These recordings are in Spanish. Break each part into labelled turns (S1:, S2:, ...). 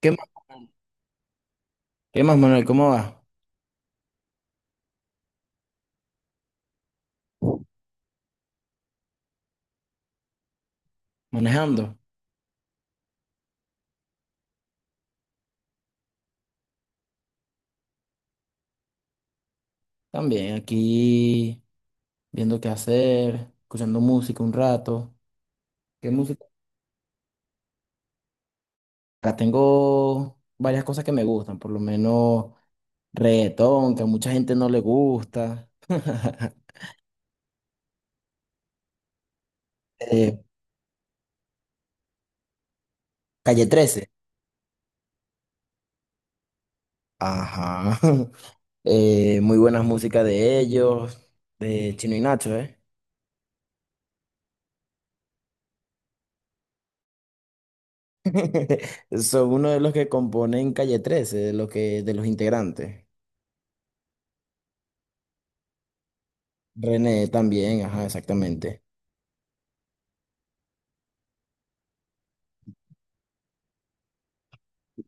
S1: ¿Qué más, Manuel? ¿Qué más, Manuel? ¿Cómo vas? ¿Manejando? También aquí viendo qué hacer, escuchando música un rato. ¿Qué música? Acá tengo varias cosas que me gustan, por lo menos reggaetón, que a mucha gente no le gusta. Eh, Calle 13. Ajá. Muy buenas músicas de ellos, de Chino y Nacho, ¿eh? Son uno de los que componen Calle 13, de los integrantes. René también, ajá, exactamente.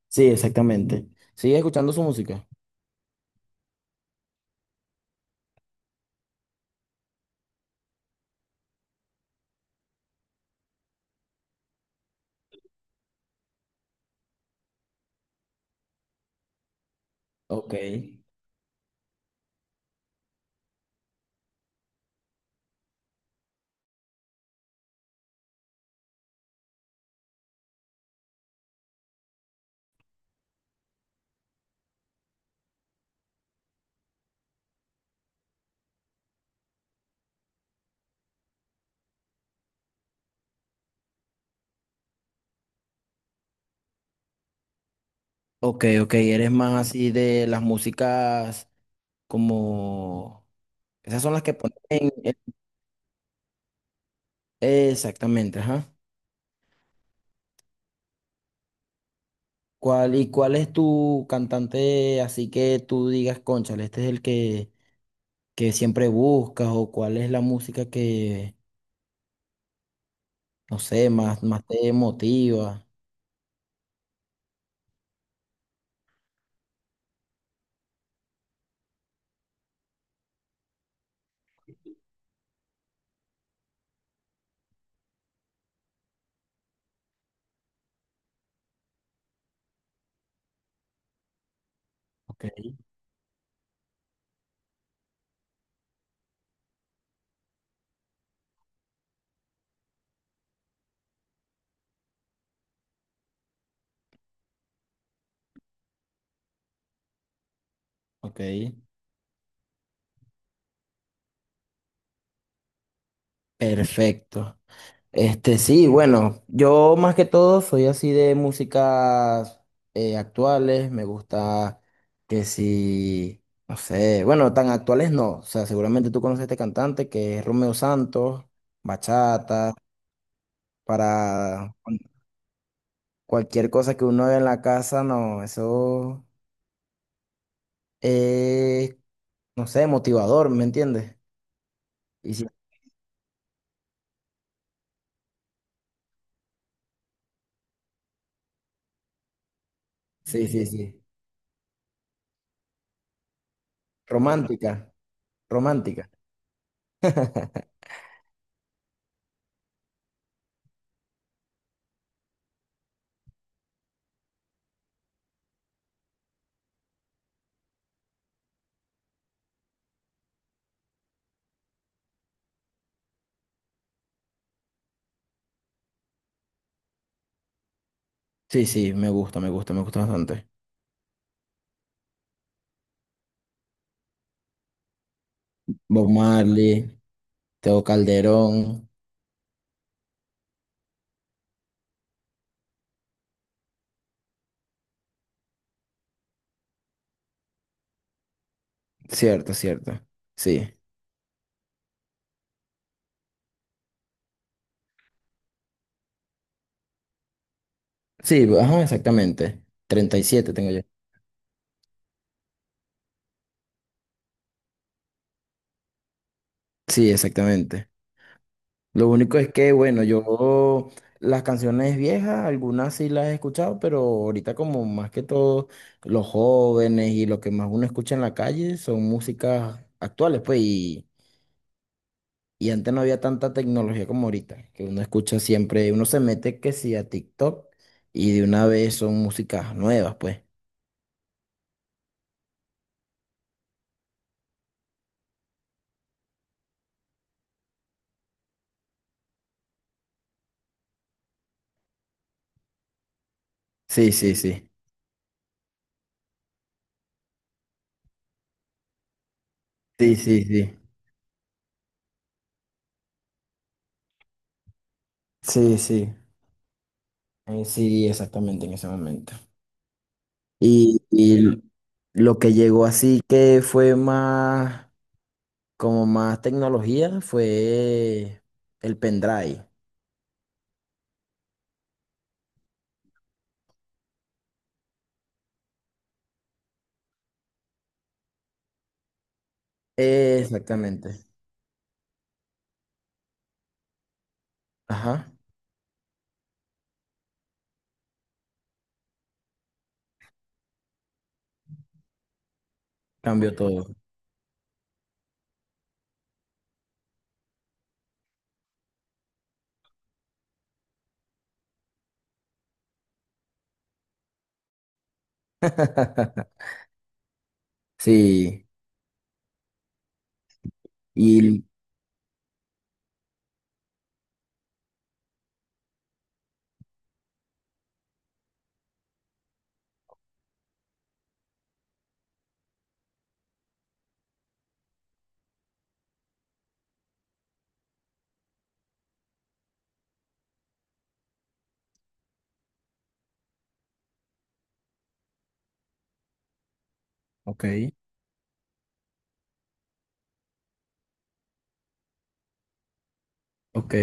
S1: Sí, exactamente. ¿Sigues escuchando su música? Ok. Ok, ok, eres más así de las músicas como... Esas son las que ponen... en- Exactamente, ajá. ¿Cuál, y cuál es tu cantante así que tú digas, cónchale, este es el que siempre buscas o cuál es la música que, no sé, más te motiva? Ok, ok. Perfecto. Este, sí, bueno, yo más que todo soy así de músicas actuales, me gusta que si, no sé, bueno, tan actuales no, o sea, seguramente tú conoces a este cantante que es Romeo Santos, bachata, para cualquier cosa que uno ve en la casa, no, eso es, no sé, motivador, ¿me entiendes? Y sí, sí, sí, sí, romántica, romántica. Sí, sí, me gusta, me gusta bastante. Bob Marley. Teo Calderón. Cierto, cierto. Sí. Sí, pues, ajá, exactamente. Treinta y siete tengo yo. Sí, exactamente. Lo único es que, bueno, yo las canciones viejas, algunas sí las he escuchado, pero ahorita como más que todo los jóvenes y lo que más uno escucha en la calle son músicas actuales, pues, y antes no había tanta tecnología como ahorita, que uno escucha siempre, uno se mete que sí a TikTok y de una vez son músicas nuevas, pues. Sí, sí, sí. Sí, sí, sí. Sí, sí, sí, exactamente en ese momento. Y lo que llegó así que fue más, como más tecnología, fue el pendrive. Exactamente. Ajá, cambió todo. Sí, y... Ok, ok,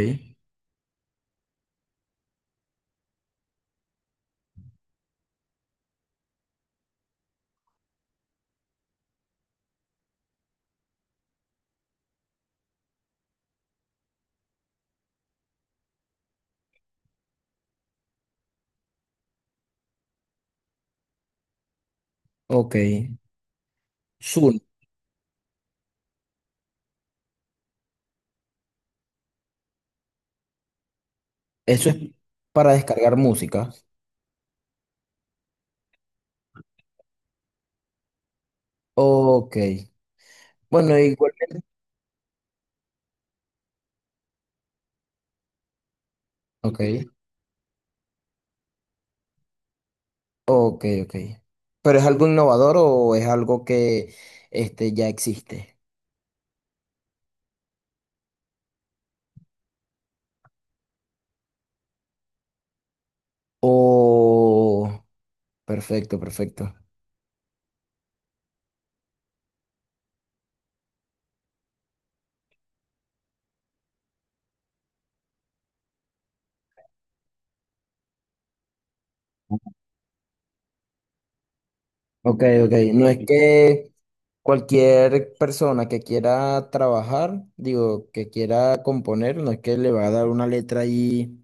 S1: ok. Zoom, eso es para descargar música. Ok. Bueno, igual. Ok. Ok, ok. ¿Pero es algo innovador o es algo que este, ya existe? Oh, perfecto, perfecto. Ok, ok. No es que cualquier persona que quiera trabajar, digo, que quiera componer, no es que le va a dar una letra ahí.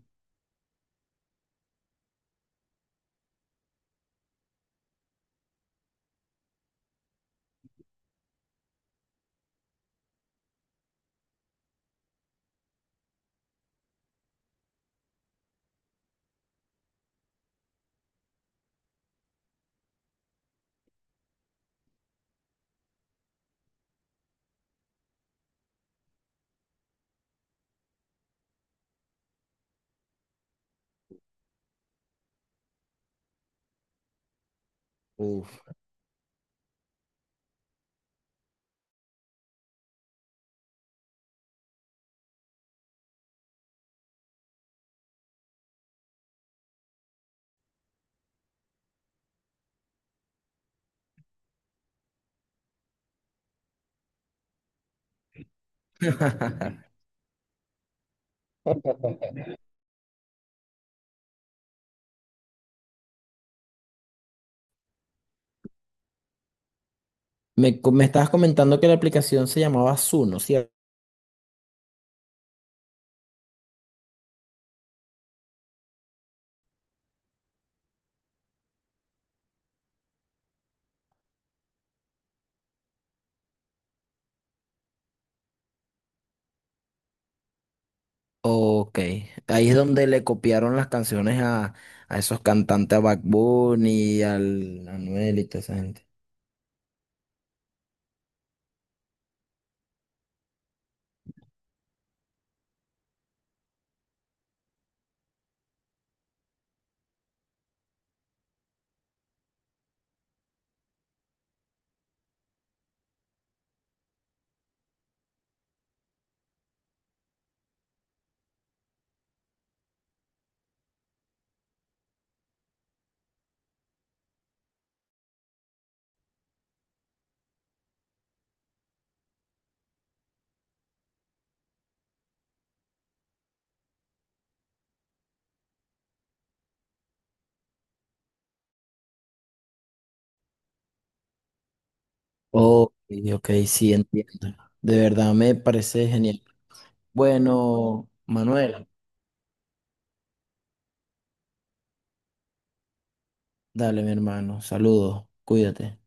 S1: Uf. Me estabas comentando que la aplicación se llamaba Zuno, ¿cierto? Ok, ahí es donde le copiaron las canciones a esos cantantes, a Bad Bunny, al Anuel y toda esa gente. Ok, ok, sí, entiendo. De verdad me parece genial. Bueno, Manuel, dale, mi hermano, saludos, cuídate.